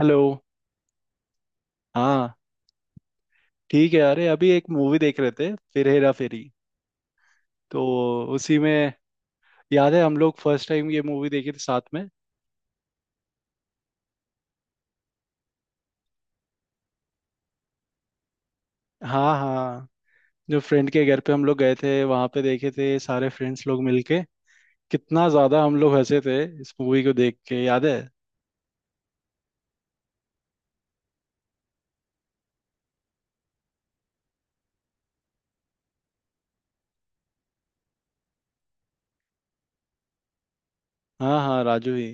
Hello. हाँ। ठीक है, अरे अभी एक मूवी देख रहे थे, फिर हेरा फेरी, तो उसी में। याद है हम लोग फर्स्ट टाइम ये मूवी देखे थे साथ में। हाँ हाँ, जो फ्रेंड के घर पे हम लोग गए थे वहां पे देखे थे, सारे फ्रेंड्स लोग मिलके। कितना ज्यादा हम लोग हंसे थे इस मूवी को देख के, याद है। हाँ हाँ, राजू ही।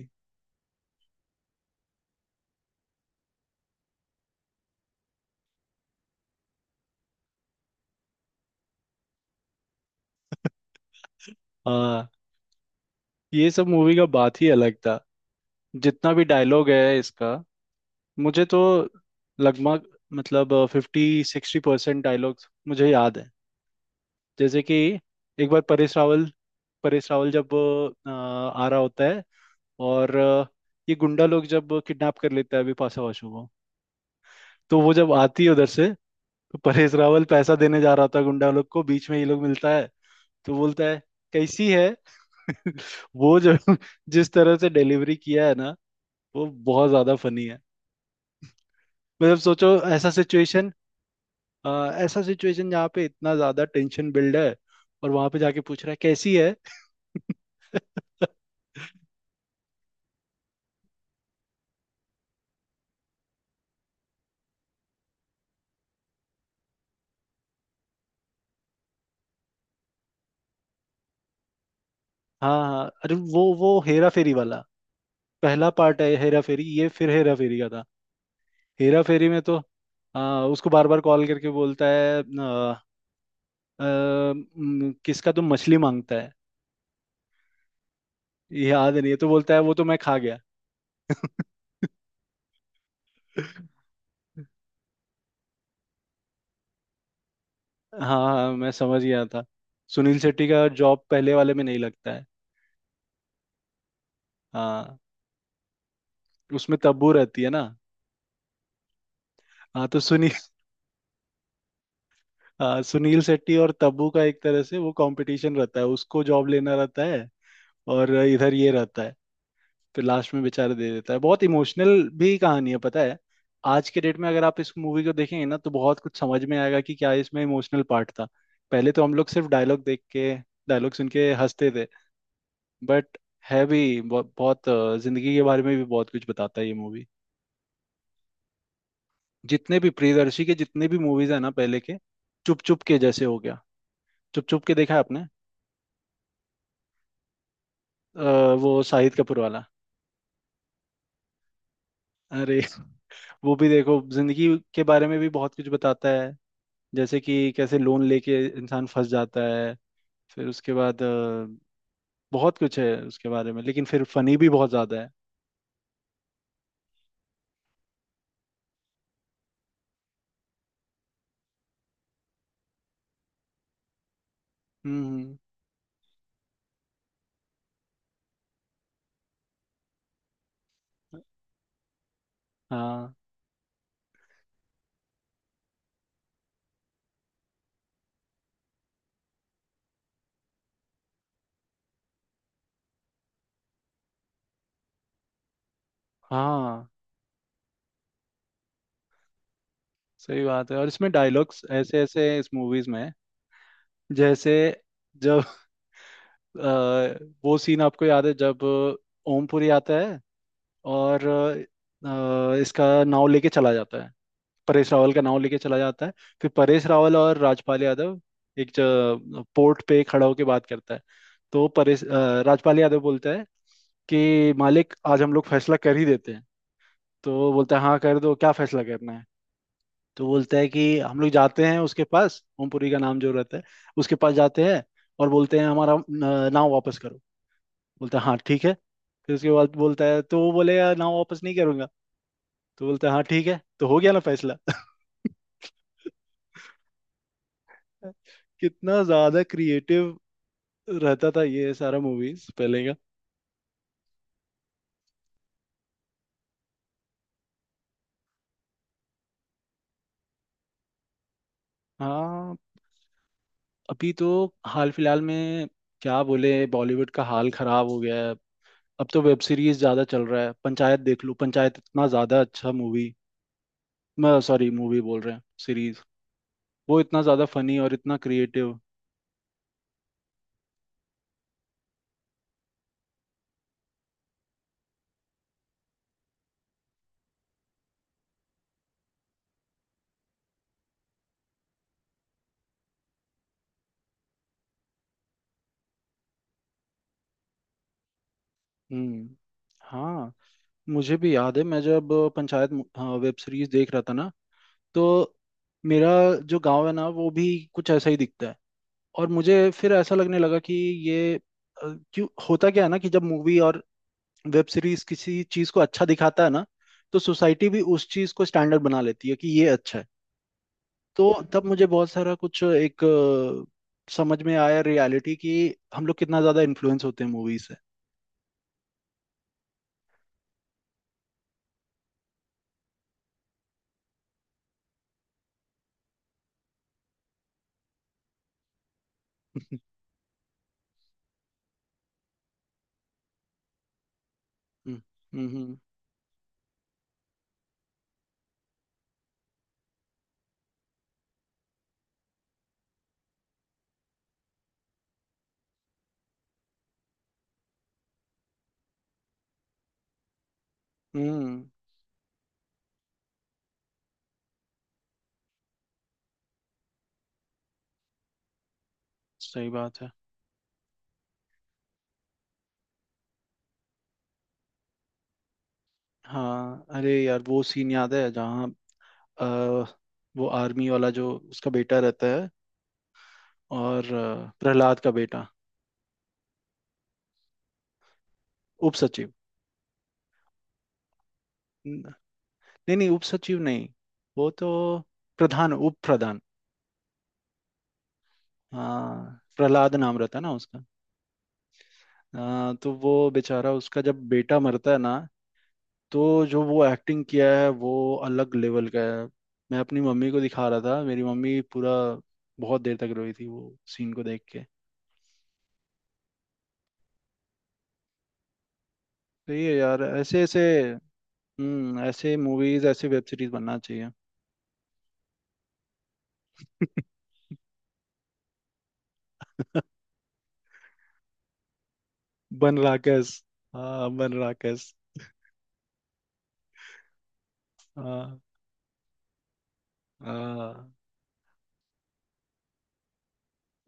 हाँ, ये सब मूवी का बात ही अलग था। जितना भी डायलॉग है इसका, मुझे तो लगभग, मतलब 50-60% डायलॉग्स मुझे याद है। जैसे कि एक बार परेश रावल, परेश रावल जब आ रहा होता है, और ये गुंडा लोग जब किडनैप कर लेता है बिपाशा बसु को, तो वो जब आती है उधर से, तो परेश रावल पैसा देने जा रहा होता है गुंडा लोग को, बीच में ये लोग मिलता है, तो बोलता है, कैसी है? वो जो, जिस तरह से डिलीवरी किया है ना, वो बहुत ज्यादा फनी है। मतलब सोचो, ऐसा सिचुएशन, ऐसा सिचुएशन जहाँ पे इतना ज्यादा टेंशन बिल्ड है, और वहां पे जाके पूछ रहा है, कैसी है? हाँ हाँ, अरे वो हेरा फेरी वाला पहला पार्ट है हेरा फेरी, ये फिर हेरा फेरी का था। हेरा फेरी में तो उसको बार बार कॉल करके बोलता है, आ, आ, म, किसका तुम मछली मांगता है, ये याद नहीं है? तो बोलता है, वो तो मैं खा गया। हाँ हाँ, मैं समझ गया था। सुनील शेट्टी का जॉब पहले वाले में नहीं लगता है। हाँ, उसमें तब्बू रहती है ना। हाँ तो सुनील, हाँ, सुनील शेट्टी और तब्बू का एक तरह से वो कंपटीशन रहता है, उसको जॉब लेना रहता है और इधर ये रहता है। फिर लास्ट में बेचारा दे देता है, बहुत इमोशनल भी कहानी है, पता है। आज के डेट में अगर आप इस मूवी को देखेंगे ना, तो बहुत कुछ समझ में आएगा कि क्या इसमें इमोशनल पार्ट था। पहले तो हम लोग सिर्फ डायलॉग देख के, डायलॉग सुन के हंसते थे, बट है भी बहुत, बहुत जिंदगी के बारे में भी बहुत कुछ बताता है ये मूवी। जितने भी प्रियदर्शी के जितने भी मूवीज है ना पहले के, चुप चुप के जैसे हो गया। चुप चुप के देखा है आपने? वो शाहिद कपूर वाला। अरे वो भी देखो, जिंदगी के बारे में भी बहुत कुछ बताता है, जैसे कि कैसे लोन लेके इंसान फंस जाता है, फिर उसके बाद, बहुत कुछ है उसके बारे में, लेकिन फिर फनी भी बहुत ज्यादा है। हम्म। हाँ हाँ, सही बात है, और इसमें डायलॉग्स ऐसे ऐसे हैं इस मूवीज में। जैसे जब अ, वो सीन आपको याद है, जब ओमपुरी आता है और इसका नाव लेके चला जाता है, परेश रावल का नाम लेके चला जाता है। फिर परेश रावल और राजपाल यादव एक पोर्ट पे खड़ा होके बात करता है, तो राजपाल यादव बोलता है कि मालिक आज हम लोग फैसला कर ही देते हैं, तो बोलता है हाँ कर दो, क्या फैसला करना है? तो बोलता है कि हम लोग जाते हैं उसके पास, ओमपुरी का नाम जो रहता है, उसके पास जाते हैं और बोलते हैं हमारा नाव वापस करो। बोलता है हाँ ठीक है। फिर उसके बाद बोलता है, तो वो बोलेगा नाव वापस नहीं करूंगा, तो बोलता है हाँ ठीक है, तो हो गया ना फैसला। कितना ज्यादा क्रिएटिव रहता था ये सारा मूवीज पहले का। हाँ, अभी तो हाल फिलहाल में क्या बोले, बॉलीवुड का हाल खराब हो गया है। अब तो वेब सीरीज ज्यादा चल रहा है, पंचायत देख लो, पंचायत इतना ज्यादा अच्छा मूवी, मैं सॉरी मूवी बोल रहे हैं, सीरीज। वो इतना ज्यादा फनी और इतना क्रिएटिव। हम्म। हाँ, मुझे भी याद है मैं जब पंचायत हाँ, वेब सीरीज देख रहा था ना, तो मेरा जो गांव है ना वो भी कुछ ऐसा ही दिखता है, और मुझे फिर ऐसा लगने लगा कि ये अ, क्यों होता क्या है ना कि जब मूवी और वेब सीरीज किसी चीज को अच्छा दिखाता है ना, तो सोसाइटी भी उस चीज को स्टैंडर्ड बना लेती है कि ये अच्छा है। तो तब मुझे बहुत सारा कुछ समझ में आया रियलिटी, कि हम लोग कितना ज्यादा इन्फ्लुएंस होते हैं मूवी से। हम्म। हम्म हम्म, सही बात है। हाँ अरे यार वो सीन याद है जहाँ अ, वो आर्मी वाला जो उसका बेटा रहता है और प्रहलाद का बेटा, उप सचिव, न- नहीं नहीं उपसचिव नहीं, वो तो प्रधान, उप प्रधान। हाँ प्रहलाद नाम रहता है ना उसका, हाँ, तो वो बेचारा उसका जब बेटा मरता है ना, तो जो वो एक्टिंग किया है वो अलग लेवल का है। मैं अपनी मम्मी को दिखा रहा था, मेरी मम्मी पूरा बहुत देर तक रोई थी वो सीन को देख के। तो ये यार ऐसे ऐसे, हम्म, ऐसे मूवीज ऐसे वेब सीरीज बनना चाहिए। बन राकेश, हाँ बन राकेश। हाँ हाँ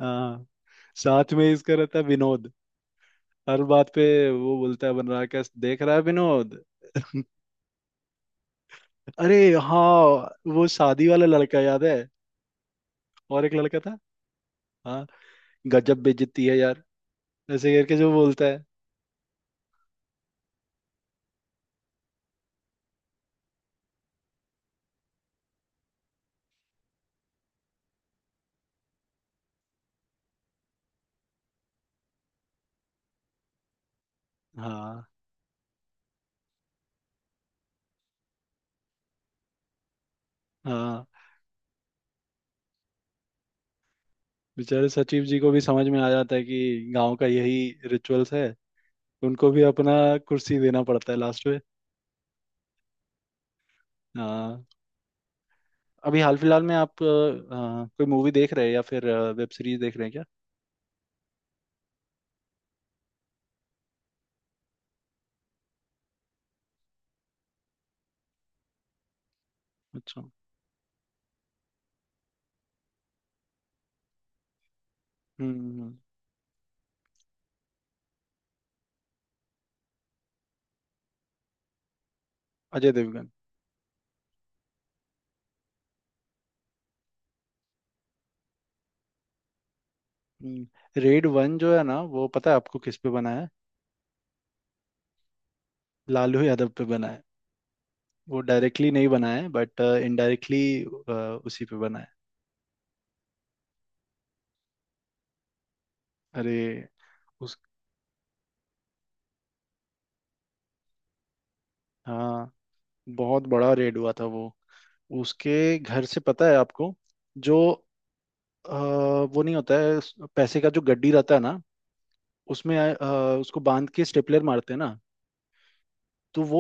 हाँ। साथ में इसका रहता है विनोद, हर बात पे वो बोलता है बन रहा क्या देख रहा है विनोद। अरे हाँ, वो शादी वाला लड़का याद है, और एक लड़का था। हाँ, गजब बेइज्जती है यार, ऐसे करके जो बोलता है। हाँ हाँ, बेचारे सचिव जी को भी समझ में आ जाता है कि गांव का यही रिचुअल्स है, उनको भी अपना कुर्सी देना पड़ता है लास्ट में। हाँ। अभी हाल फिलहाल में आप कोई मूवी देख रहे हैं या फिर वेब सीरीज देख रहे हैं क्या? अच्छा। हम्म। अजय देवगन। हम्म, रेड वन जो है ना, वो पता है आपको किस पे बना है? लालू यादव पे बना है। वो डायरेक्टली नहीं बना है बट इनडायरेक्टली उसी पे बना है। अरे उस, हाँ बहुत बड़ा रेड हुआ था वो, उसके घर से पता है आपको, जो वो नहीं होता है उस पैसे का, जो गड्डी रहता है ना, उसमें उसको बांध के स्टेपलर मारते हैं ना, तो वो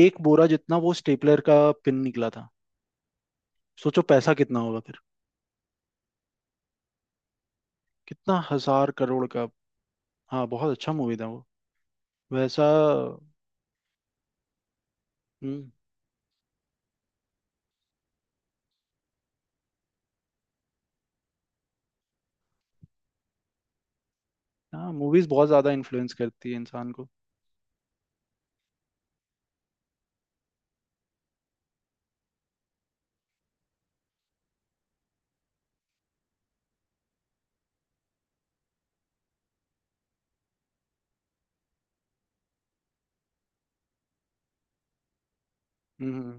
एक बोरा जितना वो स्टेपलर का पिन निकला था। सोचो पैसा कितना होगा फिर, कितना हजार करोड़ का। हाँ बहुत अच्छा मूवी था, वैसा। हम्म, हाँ, मूवीज बहुत ज्यादा इन्फ्लुएंस करती है इंसान को। हम्म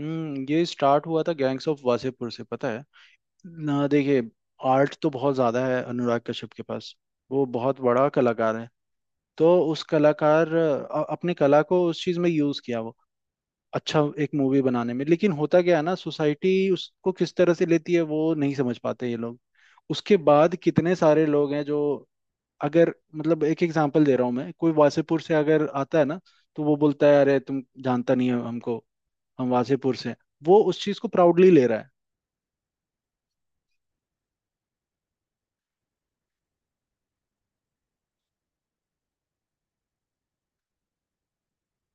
हम्म, ये स्टार्ट हुआ था गैंग्स ऑफ वासेपुर से, पता है ना, देखिए आर्ट तो बहुत ज्यादा है अनुराग कश्यप के पास, वो बहुत बड़ा कलाकार है, तो उस कलाकार अपने कला को उस चीज में यूज किया वो, अच्छा एक मूवी बनाने में, लेकिन होता क्या है ना, सोसाइटी उसको किस तरह से लेती है वो नहीं समझ पाते ये लोग। उसके बाद कितने सारे लोग हैं जो, अगर मतलब एक एग्जांपल दे रहा हूँ मैं, कोई वासेपुर से अगर आता है ना, तो वो बोलता है अरे तुम जानता नहीं हो हमको, हम वासेपुर से हैं।" वो उस चीज को प्राउडली ले रहा है।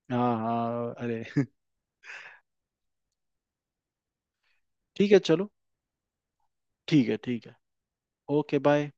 हाँ हाँ अरे ठीक है चलो, ठीक है ठीक है। Okay bye.